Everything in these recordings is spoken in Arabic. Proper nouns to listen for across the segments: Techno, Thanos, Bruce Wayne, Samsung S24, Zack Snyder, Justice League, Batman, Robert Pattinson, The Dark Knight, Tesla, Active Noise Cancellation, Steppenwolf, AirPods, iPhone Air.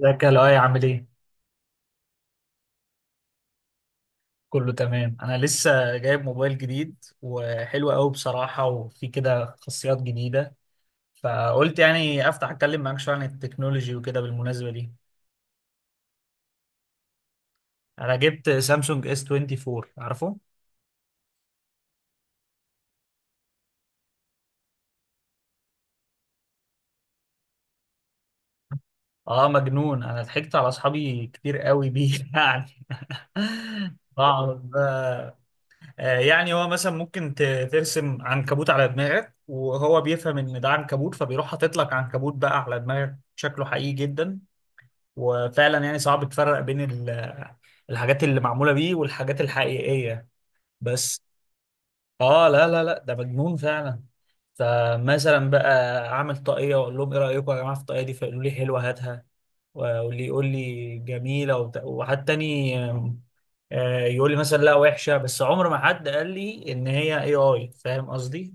ازيك يا لؤي، عامل ايه؟ كله تمام. انا لسه جايب موبايل جديد وحلو قوي بصراحة، وفي كده خاصيات جديدة، فقلت يعني افتح اتكلم معاك شوية عن التكنولوجي وكده بالمناسبة دي. انا جبت سامسونج اس 24، عارفه؟ اه، مجنون. انا ضحكت على اصحابي كتير قوي بيه يعني بقعد بقى- يعني هو مثلا ممكن ترسم عنكبوت على دماغك، وهو بيفهم ان ده عنكبوت، فبيروح حاطط لك عنكبوت بقى على دماغك شكله حقيقي جدا. وفعلا يعني صعب تفرق بين الحاجات اللي معمولة بيه والحاجات الحقيقية. بس اه، لا لا لا، ده مجنون فعلا. فمثلا بقى اعمل طاقية واقول لهم ايه رأيكم يا جماعة في الطاقية دي، فيقولوا لي حلوة هاتها، واللي يقول لي جميلة وحد تاني آم، آه، يقول لي مثلا لا، وحشة. بس عمر ما حد قال لي ان هي اي اي، فاهم قصدي؟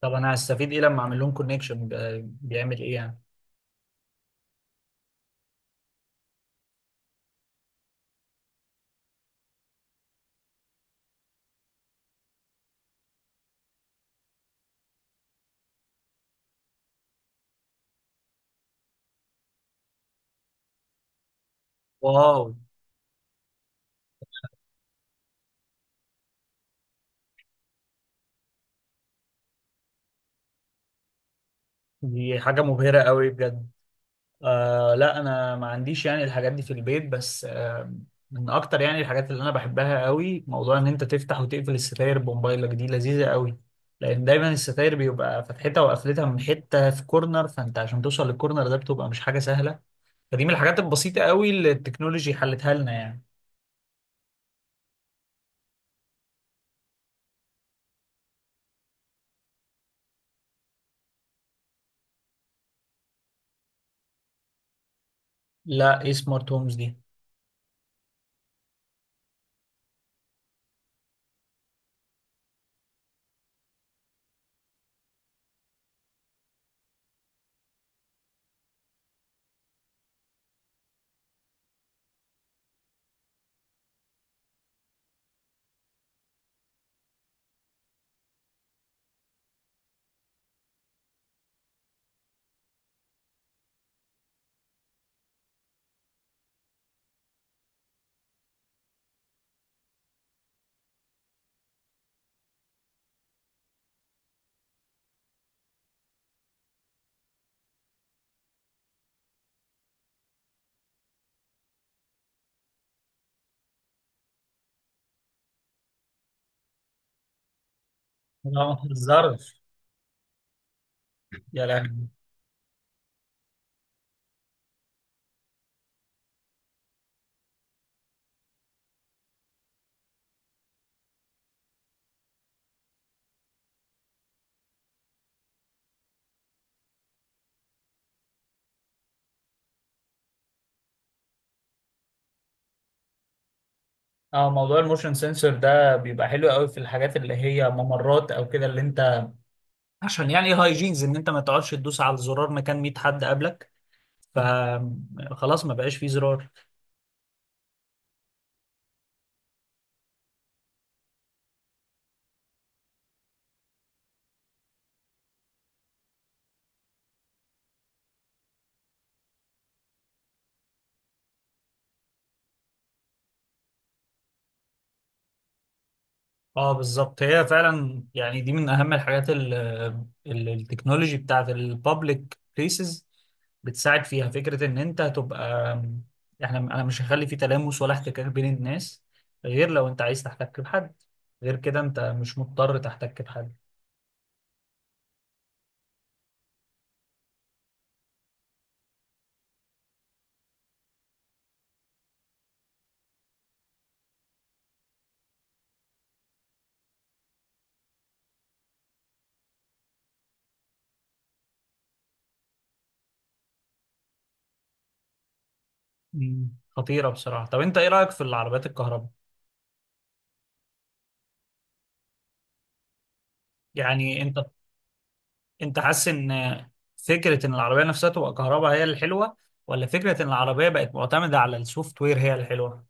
طب انا هستفيد ايه لما اعمل لهم كونكشن؟ بيعمل ايه يعني؟ واو. دي حاجة مبهرة قوي بجد. آه لا، انا ما عنديش يعني الحاجات دي في البيت، بس آه، من اكتر يعني الحاجات اللي انا بحبها قوي موضوع ان انت تفتح وتقفل الستاير بموبايلك. دي لذيذة قوي، لان دايما الستاير بيبقى فتحتها وقفلتها من حتة في كورنر، فانت عشان توصل للكورنر ده بتبقى مش حاجة سهلة. فدي من الحاجات البسيطة قوي اللي التكنولوجي حلتها لنا يعني. لا، ايه سمارت هومز دي؟ لا ما تهزرش. يا لهوي. اه، موضوع الموشن سensor ده بيبقى حلو قوي في الحاجات اللي هي ممرات او كده، اللي انت عشان يعني هايجينز، ان انت ما تقعدش تدوس على الزرار مكان 100 حد قبلك، فخلاص ما بقاش فيه زرار. اه بالظبط، هي فعلا يعني دي من اهم الحاجات، التكنولوجي بتاعت البابليك بليسز بتساعد فيها. فكرة ان انت هتبقى، احنا، انا مش هخلي في تلامس ولا احتكاك بين الناس، غير لو انت عايز تحتك بحد. غير كده انت مش مضطر تحتك بحد. مم. خطيرة بصراحة. طب انت ايه رأيك في العربيات الكهرباء؟ يعني انت حاسس ان فكره ان العربيه نفسها تبقى كهرباء هي الحلوه، ولا فكره ان العربيه بقت معتمده على السوفت وير هي الحلوه؟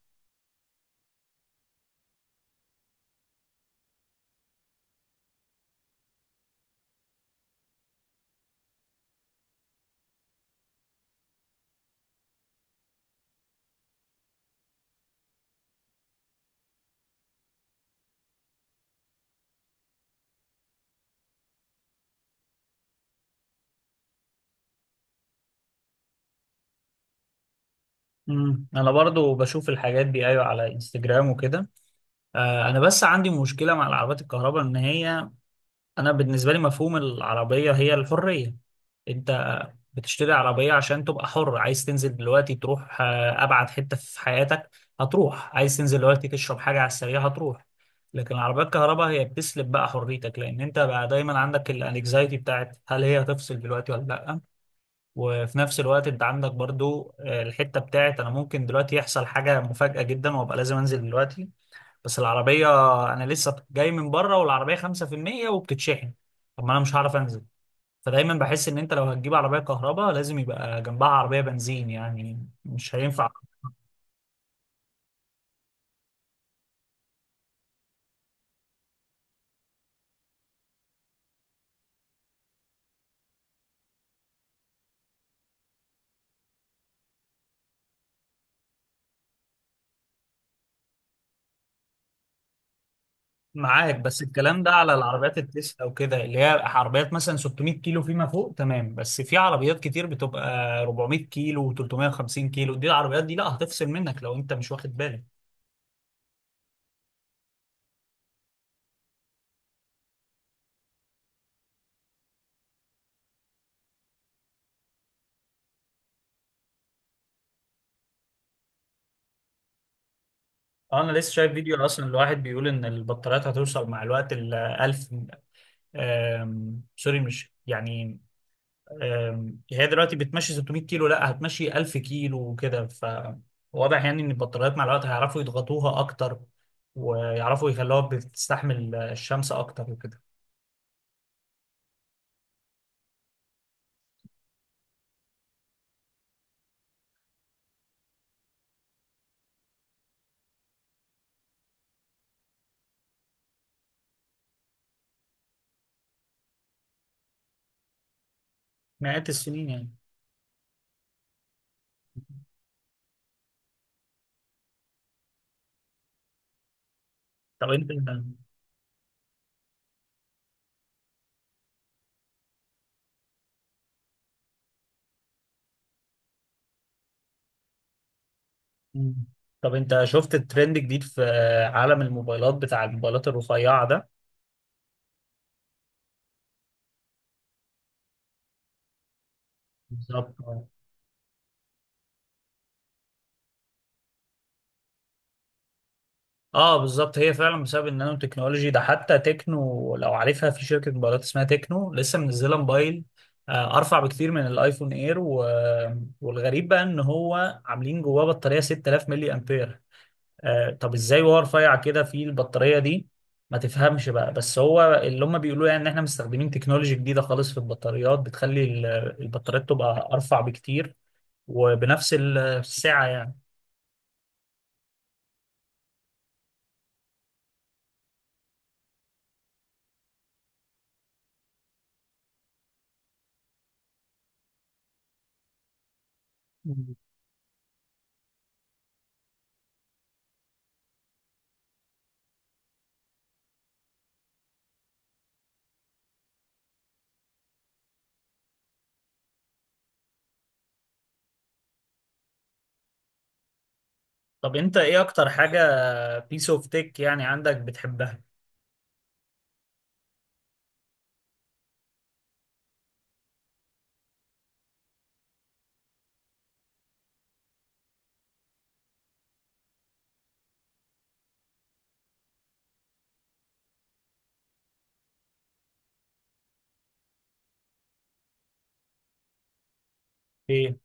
امم، انا برضو بشوف الحاجات دي، ايوه، على انستجرام وكده. آه، انا بس عندي مشكله مع العربيات الكهرباء، ان هي، انا بالنسبه لي مفهوم العربيه هي الحريه. انت بتشتري عربية عشان تبقى حر. عايز تنزل دلوقتي تروح أبعد حتة في حياتك، هتروح. عايز تنزل دلوقتي تشرب حاجة على السريع، هتروح. لكن العربية الكهرباء هي بتسلب بقى حريتك، لأن أنت بقى دايما عندك الانكزايتي بتاعت هل هي هتفصل دلوقتي ولا لأ. وفي نفس الوقت أنت عندك برضو الحتة بتاعت أنا ممكن دلوقتي يحصل حاجة مفاجأة جدا وأبقى لازم أنزل دلوقتي. بس العربية أنا لسه جاي من بره والعربية 5% وبتتشحن. طب ما أنا مش هعرف أنزل. فدايما بحس ان انت لو هتجيب عربيه كهرباء لازم يبقى جنبها عربيه بنزين، يعني مش هينفع. معاك، بس الكلام ده على العربيات التسلا وكده، اللي هي عربيات مثلا 600 كيلو فيما فوق، تمام. بس في عربيات كتير بتبقى 400 كيلو و350 كيلو. دي العربيات دي لا، هتفصل منك لو انت مش واخد بالك. انا لسه شايف فيديو اصلا الواحد بيقول ان البطاريات هتوصل مع الوقت ل 1000. سوري مش يعني، هي دلوقتي بتمشي 600 كيلو، لا هتمشي 1000 كيلو وكده. فواضح يعني ان البطاريات مع الوقت هيعرفوا يضغطوها اكتر، ويعرفوا يخلوها بتستحمل الشمس اكتر وكده. مئات السنين يعني. طب انت مم. طب انت شفت الترند الجديد في عالم الموبايلات، بتاع الموبايلات الرفيعة ده؟ بالظبط. اه بالظبط، هي فعلا بسبب النانو تكنولوجي ده. حتى تكنو، لو عارفها، في شركة موبايلات اسمها تكنو لسه منزلة موبايل ارفع بكتير من الايفون اير و... والغريب بقى ان هو عاملين جواه بطارية 6000 ملي امبير. آه، طب ازاي وهو رفيع كده في البطارية دي؟ ما تفهمش بقى، بس هو اللي هم بيقولوا يعني ان احنا مستخدمين تكنولوجي جديدة خالص في البطاريات، بتخلي البطاريات تبقى ارفع بكتير وبنفس السعة. يعني، طب انت ايه اكتر حاجة بيس اوف تيك يعني عندك بتحبها؟ ايه.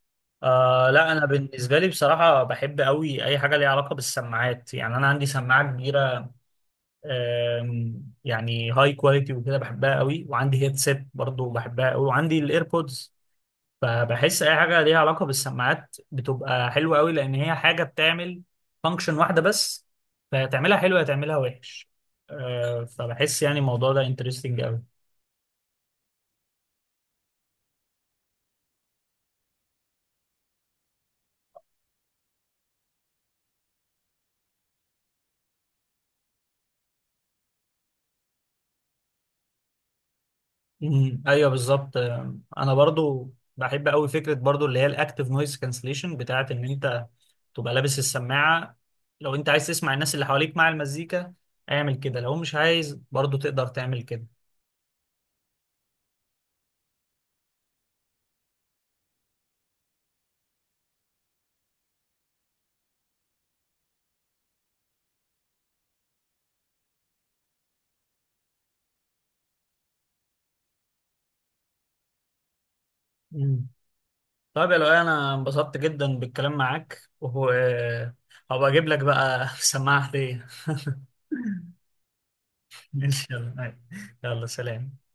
آه لا، انا بالنسبة لي بصراحة بحب قوي اي حاجة ليها علاقة بالسماعات. يعني انا عندي سماعة كبيرة يعني هاي كواليتي وكده، بحبها قوي، وعندي هيدسيت برضو بحبها قوي، وعندي الايربودز. فبحس اي حاجة ليها علاقة بالسماعات بتبقى حلوة قوي، لان هي حاجة بتعمل فانكشن واحدة بس، فتعملها حلوة تعملها وحش. فبحس يعني الموضوع ده انترستنج قوي. مم. ايوه بالظبط. انا برضو بحب قوي فكره برضو اللي هي الاكتف نويز كانسليشن بتاعت ان انت تبقى لابس السماعه. لو انت عايز تسمع الناس اللي حواليك مع المزيكا اعمل كده، لو مش عايز برضو تقدر تعمل كده. مم. طيب يا لؤي، انا انبسطت جدا بالكلام معاك. وهو هبقى اجيب لك بقى سماعه هديه. ان شاء الله. يلا سلام.